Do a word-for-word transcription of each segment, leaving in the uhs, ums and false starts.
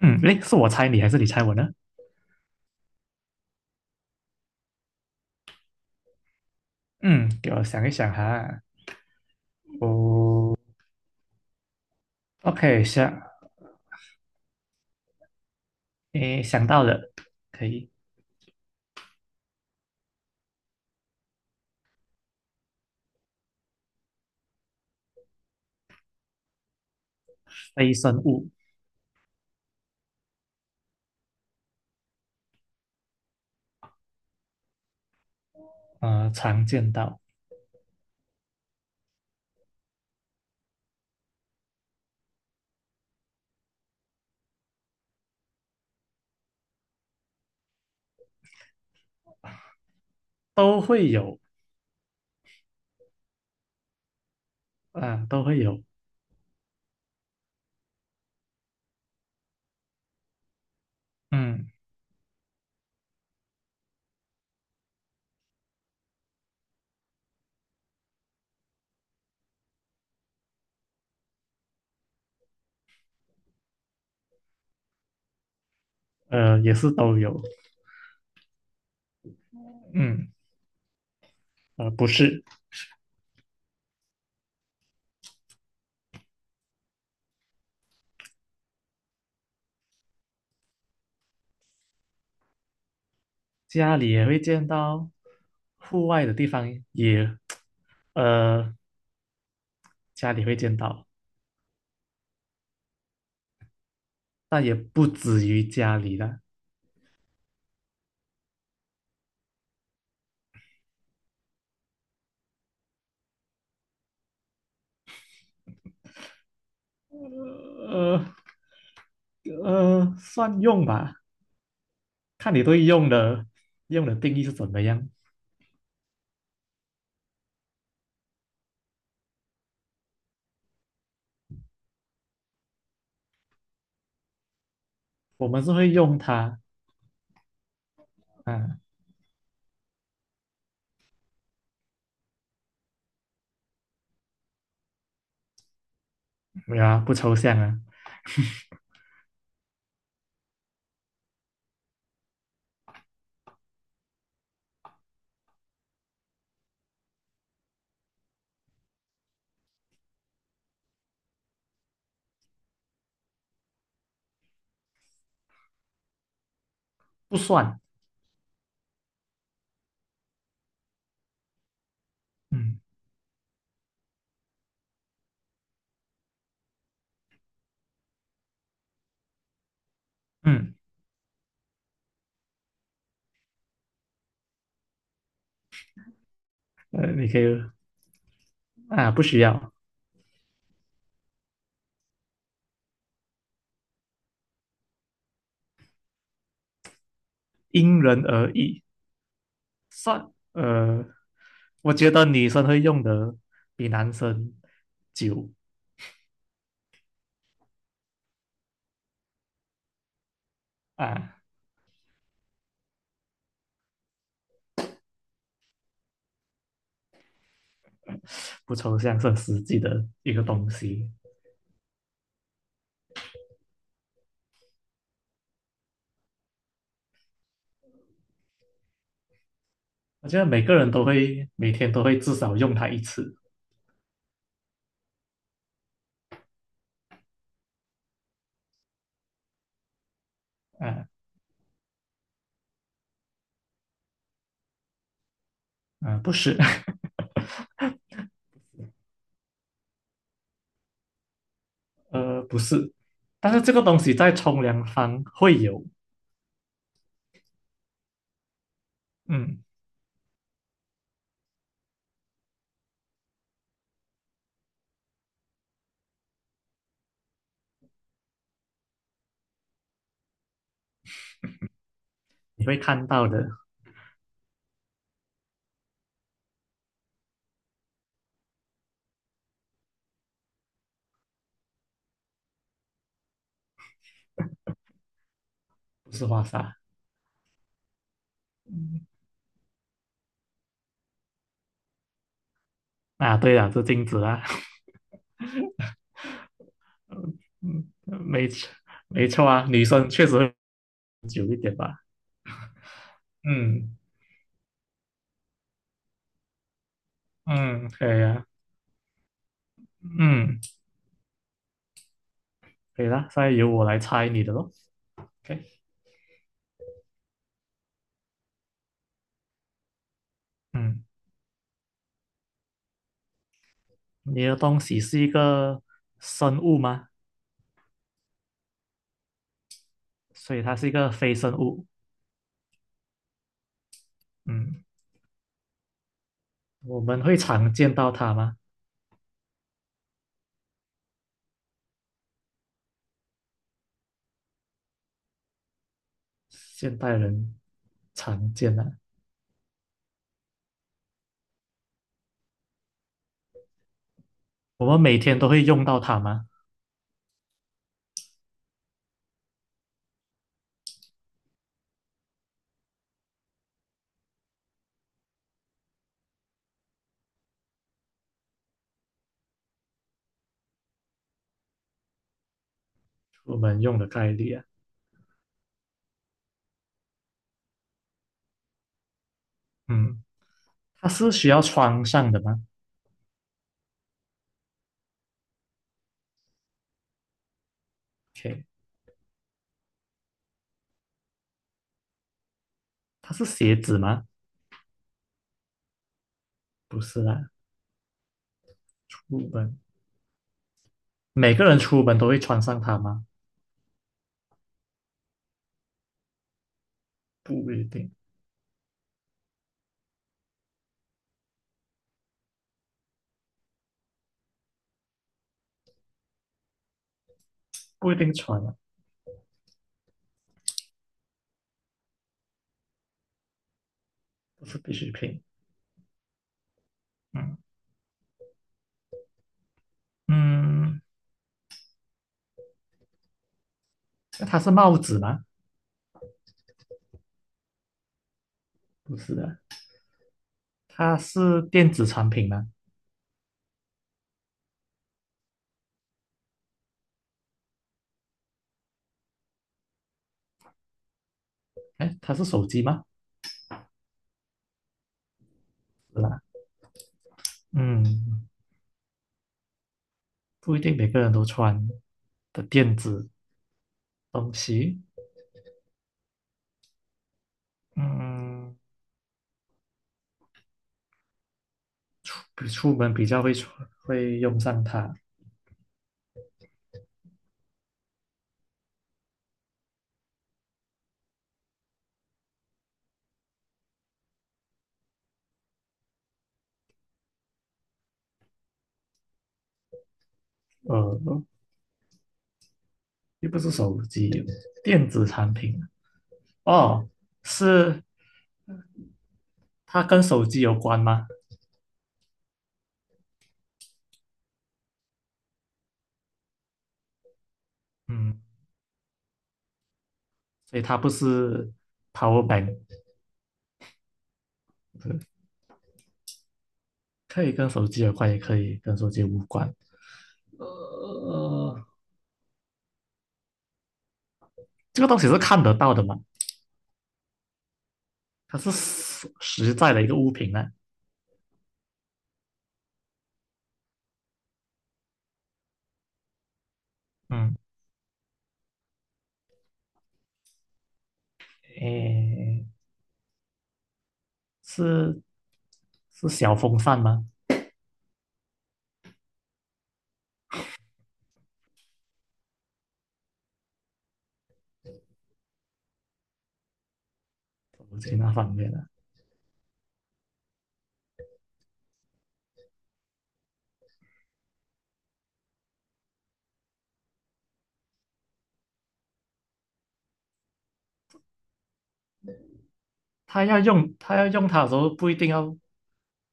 嗯，诶，是我猜你还是你猜我呢？嗯，给我想一想哈。哦，OK,想，诶，想到了，可以。非生物。呃，常见到。都会有。啊，都会有。嗯，呃，也是都有。嗯，呃，不是。家里也会见到，户外的地方也，呃，家里会见到，但也不止于家里的。呃呃，算用吧，看你对用的用的定义是怎么样。我们是会用它啊。没有啊，不抽象啊。不算。嗯嗯。呃，你可以啊，不需要。因人而异。算，呃，我觉得女生会用的比男生久啊。不抽象，是很实际的一个东西。我觉得每个人都会每天都会至少用它一次啊。啊，不是。呃，不是。但是这个东西在冲凉房会有。嗯，你会看到的。不是花洒。嗯。啊，对啊，是镜子啊。嗯，没错。没错啊，女生确实会久一点吧。嗯嗯，可以啊。嗯，可以啦。现在由我来猜你的咯。OK。嗯，你的东西是一个生物吗？所以它是一个非生物。嗯，我们会常见到它吗？现代人常见啊。我们每天都会用到它吗？我门用的概率啊。嗯。它是需要穿上的吗？OK,它是鞋子吗？不是啦。出门每个人出门都会穿上它吗？不一定。不一定穿啊。不是必需品。嗯嗯。那它是帽子吗？不是的。它是电子产品吗？哎，它是手机吗？是啦。嗯，不一定每个人都穿的电子东西。嗯，比出门比较会穿，会用上它。呃，又不是手机，电子产品。哦，是它跟手机有关吗？嗯，所以它不是 power bank,是可以跟手机有关，也可以跟手机无关。呃，这个东西是看得到的嘛？它是实实在的一个物品呢。嗯，诶，是是小风扇吗？手机那方面的，它要用它要用它的时候，不一定要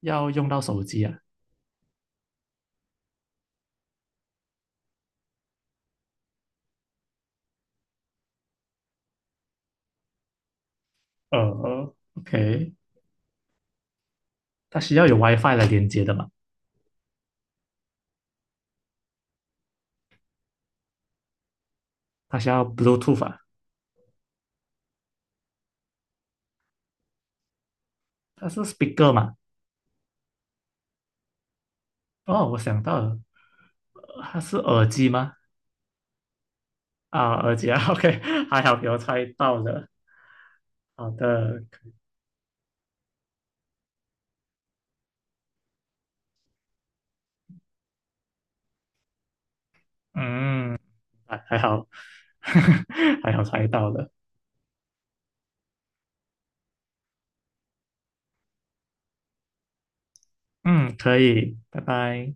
要用到手机啊。呃，OK,它需要有 WiFi 来连接的嘛？它需要 Bluetooth 啊。它是 speaker 嘛？哦，我想到了，它是耳机吗？啊，耳机啊 ，OK,还好给我猜到了。好的。嗯，还还好，还好猜到了。嗯，可以，拜拜。